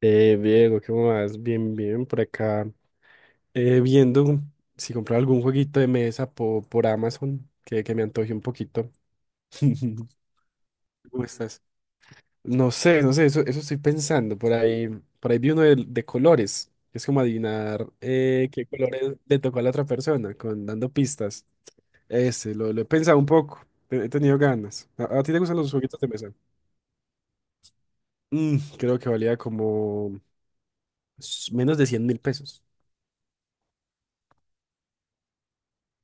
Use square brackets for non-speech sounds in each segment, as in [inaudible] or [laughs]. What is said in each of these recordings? Diego, ¿qué más? Bien, bien, por acá. Viendo si comprar algún jueguito de mesa por Amazon que me antoje un poquito. [laughs] ¿Cómo estás? No sé, no sé, eso estoy pensando. Por ahí, vi uno de colores. Es como adivinar qué colores le tocó a la otra persona, dando pistas. Ese, lo he pensado un poco. He tenido ganas. ¿A ti te gustan los jueguitos de mesa? Creo que valía como menos de 100.000 pesos.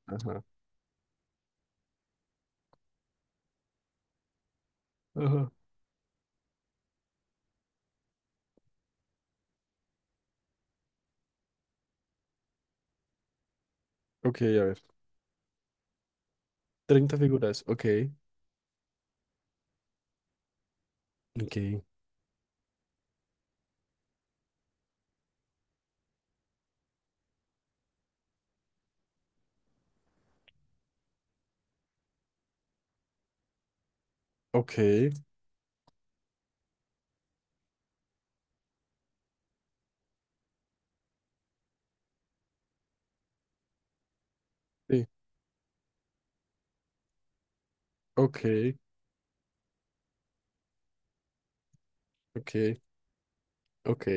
Ajá. Ajá. Ok, a ver. 30 figuras, ok, ok, ok, sí, ok, ok, ok,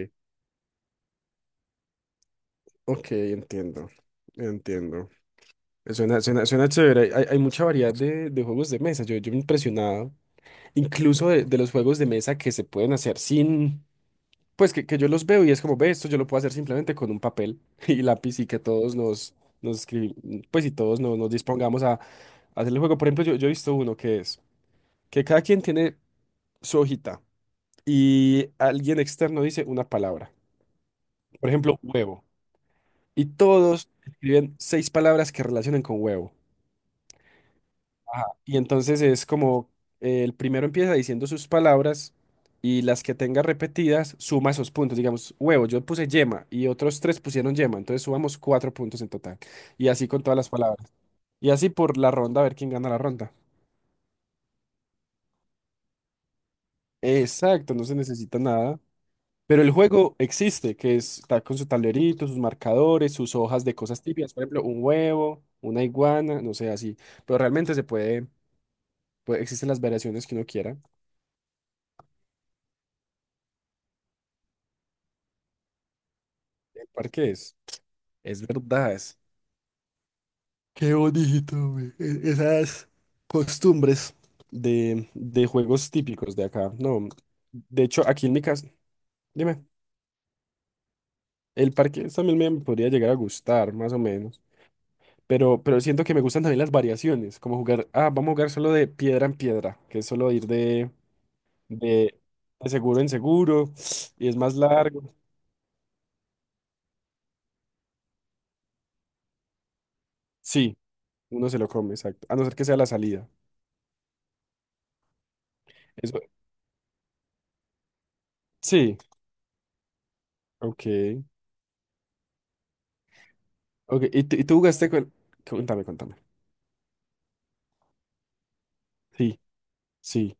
ok, entiendo, entiendo. Suena, suena, suena chévere. Hay mucha variedad de juegos de mesa. Yo me he impresionado incluso de los juegos de mesa que se pueden hacer sin, pues que yo los veo y es como, ve, esto yo lo puedo hacer simplemente con un papel [laughs] y lápiz, y que todos nos escribimos, pues, y todos nos dispongamos a hacer el juego. Por ejemplo, yo he visto uno que cada quien tiene su hojita. Y alguien externo dice una palabra. Por ejemplo, huevo. Y todos escriben seis palabras que relacionen con huevo. Ajá. Y entonces es como el primero empieza diciendo sus palabras, y las que tenga repetidas suma esos puntos. Digamos, huevo, yo puse yema y otros tres pusieron yema. Entonces sumamos cuatro puntos en total. Y así con todas las palabras. Y así por la ronda, a ver quién gana la ronda. Exacto, no se necesita nada. Pero el juego existe, está con su tablerito, sus marcadores, sus hojas de cosas típicas, por ejemplo, un huevo, una iguana, no sé, así. Pero realmente se puede, existen las variaciones que uno quiera. El parque es verdad. Qué bonito, güey. Esas costumbres de juegos típicos de acá. No, de hecho, aquí en mi casa, dime, el parque también me podría llegar a gustar, más o menos. Pero, siento que me gustan también las variaciones, como jugar, ah, vamos a jugar solo de piedra en piedra, que es solo ir de, de seguro en seguro [sniffs] y es más largo. Sí, uno se lo come, exacto. A no ser que sea la salida. Eso, sí, ok. Ok. ¿Y tú jugaste con... Cuéntame, cuéntame. Sí, sí,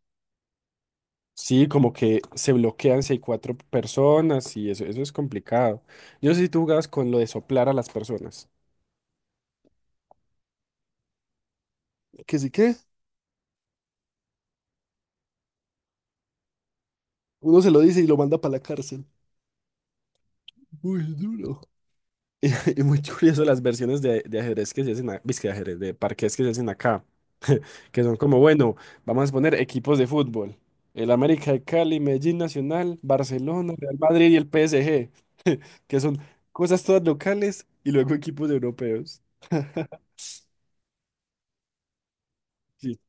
sí, como que se bloquean si hay cuatro personas y eso es complicado. Yo no sé si tú jugabas con lo de soplar a las personas. ¿Que sí qué? Uno se lo dice y lo manda para la cárcel. Muy duro. [laughs] Y muy curioso las versiones de ajedrez que se hacen, es que de ajedrez, de parqués que se hacen acá, que son como, bueno, vamos a poner equipos de fútbol. El América de Cali, Medellín Nacional, Barcelona, Real Madrid y el PSG, que son cosas todas locales y luego equipos europeos. Sí,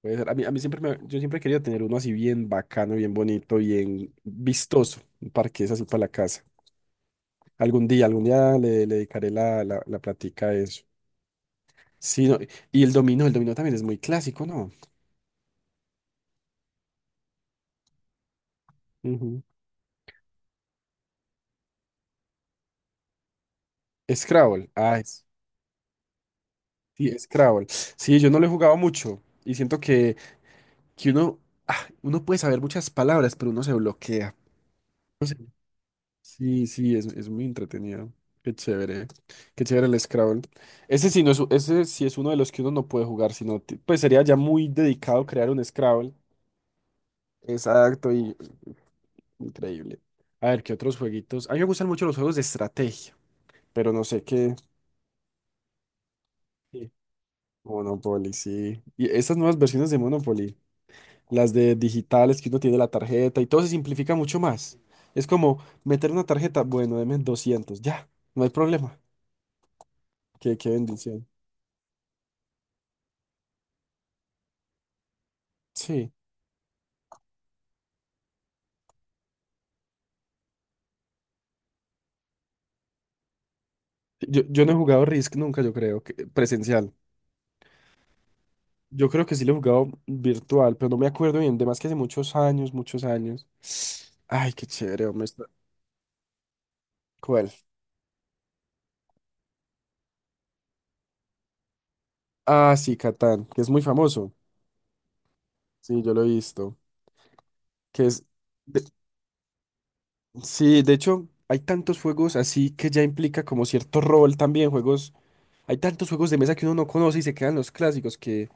puede ser. A mí siempre yo siempre he querido tener uno así bien bacano, bien bonito, bien vistoso, un parqués así para la casa. Algún día le dedicaré la plática a eso. Sí, no, y el dominó también es muy clásico, ¿no? Ujú. Scrabble, ah, sí, Scrabble. Sí, yo no lo he jugado mucho y siento que uno puede saber muchas palabras, pero uno se bloquea. No sé. Sí, sí, es muy entretenido. Qué chévere, qué chévere el Scrabble. Ese sí, no es, ese sí es uno de los que uno no puede jugar, sino, pues sería ya muy dedicado crear un Scrabble. Exacto, y increíble. A ver, ¿qué otros jueguitos? A mí me gustan mucho los juegos de estrategia, pero no sé qué. Sí. Monopoly, sí. Y esas nuevas versiones de Monopoly, las de digitales que uno tiene la tarjeta y todo se simplifica mucho más. Es como meter una tarjeta, bueno, deme 200 ya, no hay problema. Qué bendición. Sí. Yo no he jugado Risk nunca, yo creo, que, presencial. Yo creo que sí lo he jugado virtual, pero no me acuerdo bien. Además, que hace muchos años, muchos años. Ay, qué chévere, hombre. ¿Cuál? Ah, sí, Catán, que es muy famoso. Sí, yo lo he visto. Que es. de- Sí, de hecho, hay tantos juegos así que ya implica como cierto rol también, juegos. Hay tantos juegos de mesa que uno no conoce y se quedan los clásicos que,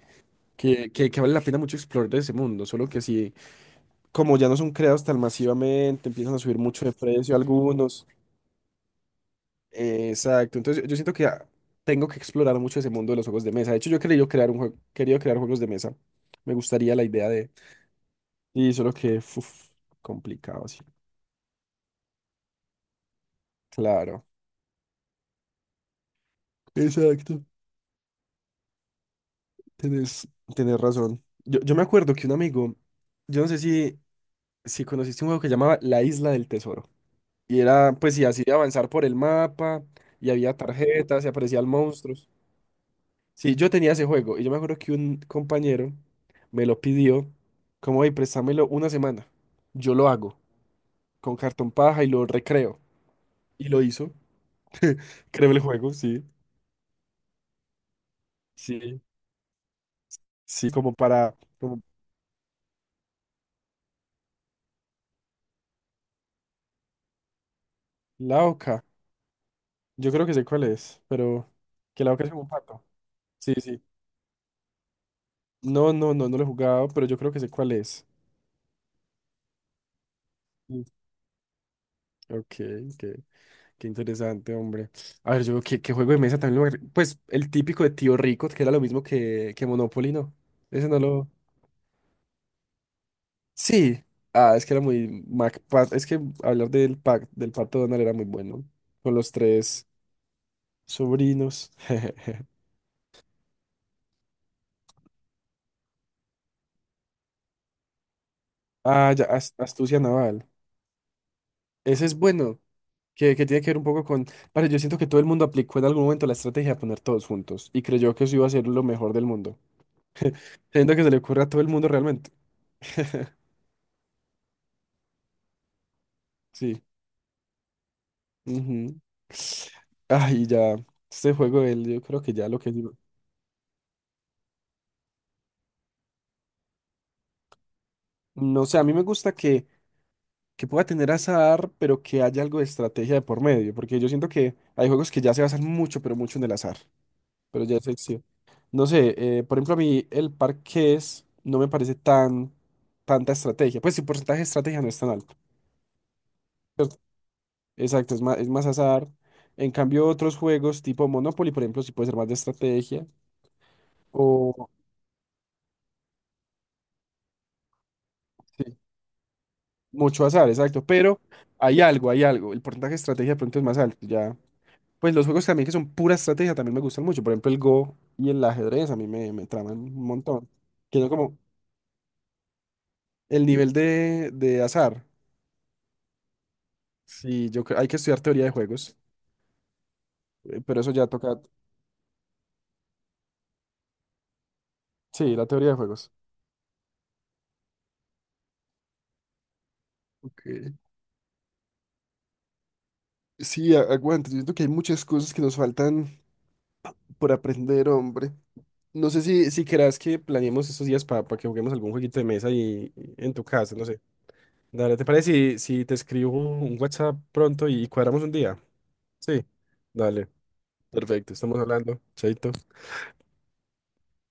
que, que, que vale la pena mucho explorar de ese mundo. Solo que si, como ya no son creados tan masivamente, empiezan a subir mucho de precio algunos. Exacto. Entonces yo siento que tengo que explorar mucho ese mundo de los juegos de mesa. De hecho, yo he querido crear un juego, querido crear juegos de mesa. Me gustaría la idea de. Y solo que, uf, complicado, sí. Claro. Exacto. Tenés, tenés razón. Yo me acuerdo que un amigo, yo no sé si conociste un juego que llamaba La Isla del Tesoro. Y era, pues, y así de avanzar por el mapa, y había tarjetas, y aparecían monstruos. Sí, yo tenía ese juego, y yo me acuerdo que un compañero me lo pidió, como, hey, préstamelo una semana. Yo lo hago, con cartón paja, y lo recreo. Y lo hizo. Creo el juego, sí. Sí. Sí, como para, como la oca. Yo creo que sé cuál es, pero que la oca es como un pato. Sí, sí. No, no, no, no lo he jugado, pero yo creo que sé cuál es. Mm. Ok, ok. Qué interesante, hombre. A ver, yo qué juego de mesa también lo... Pues el típico de Tío Rico, que era lo mismo que Monopoly, ¿no? Ese no lo... Sí. Ah, es que era muy... es que hablar del Pato Donald era muy bueno. Con los tres sobrinos. [laughs] Ah, ya, astucia naval. Ese es bueno, que tiene que ver un poco con... Vale, yo siento que todo el mundo aplicó en algún momento la estrategia de poner todos juntos y creyó que eso iba a ser lo mejor del mundo. [laughs] Siento que se le ocurre a todo el mundo realmente. [laughs] Sí. Ujú. Ay, ya, este juego, él, yo creo que ya lo que... No sé, a mí me gusta que pueda tener azar, pero que haya algo de estrategia de por medio, porque yo siento que hay juegos que ya se basan mucho, pero mucho en el azar, pero ya es sí. No sé, por ejemplo, a mí el parqués no me parece tanta estrategia, pues si el porcentaje de estrategia no es tan alto, exacto, es más azar. En cambio, otros juegos tipo Monopoly, por ejemplo, sí puede ser más de estrategia, o... sí, mucho azar, exacto, pero hay algo, hay algo. El porcentaje de estrategia de pronto es más alto, ya. Pues los juegos también que son pura estrategia también me gustan mucho. Por ejemplo, el Go y el ajedrez a mí me traman un montón. Que son como el nivel de azar. Sí, yo creo, hay que estudiar teoría de juegos, pero eso ya toca, sí, la teoría de juegos. Ok. Sí, aguante, yo siento que hay muchas cosas que nos faltan por aprender, hombre. No sé si querás que planeemos estos días para que juguemos algún jueguito de mesa y en tu casa, no sé. Dale, ¿te parece si te escribo un WhatsApp pronto y cuadramos un día? Sí. Dale, perfecto, estamos hablando. Chaito.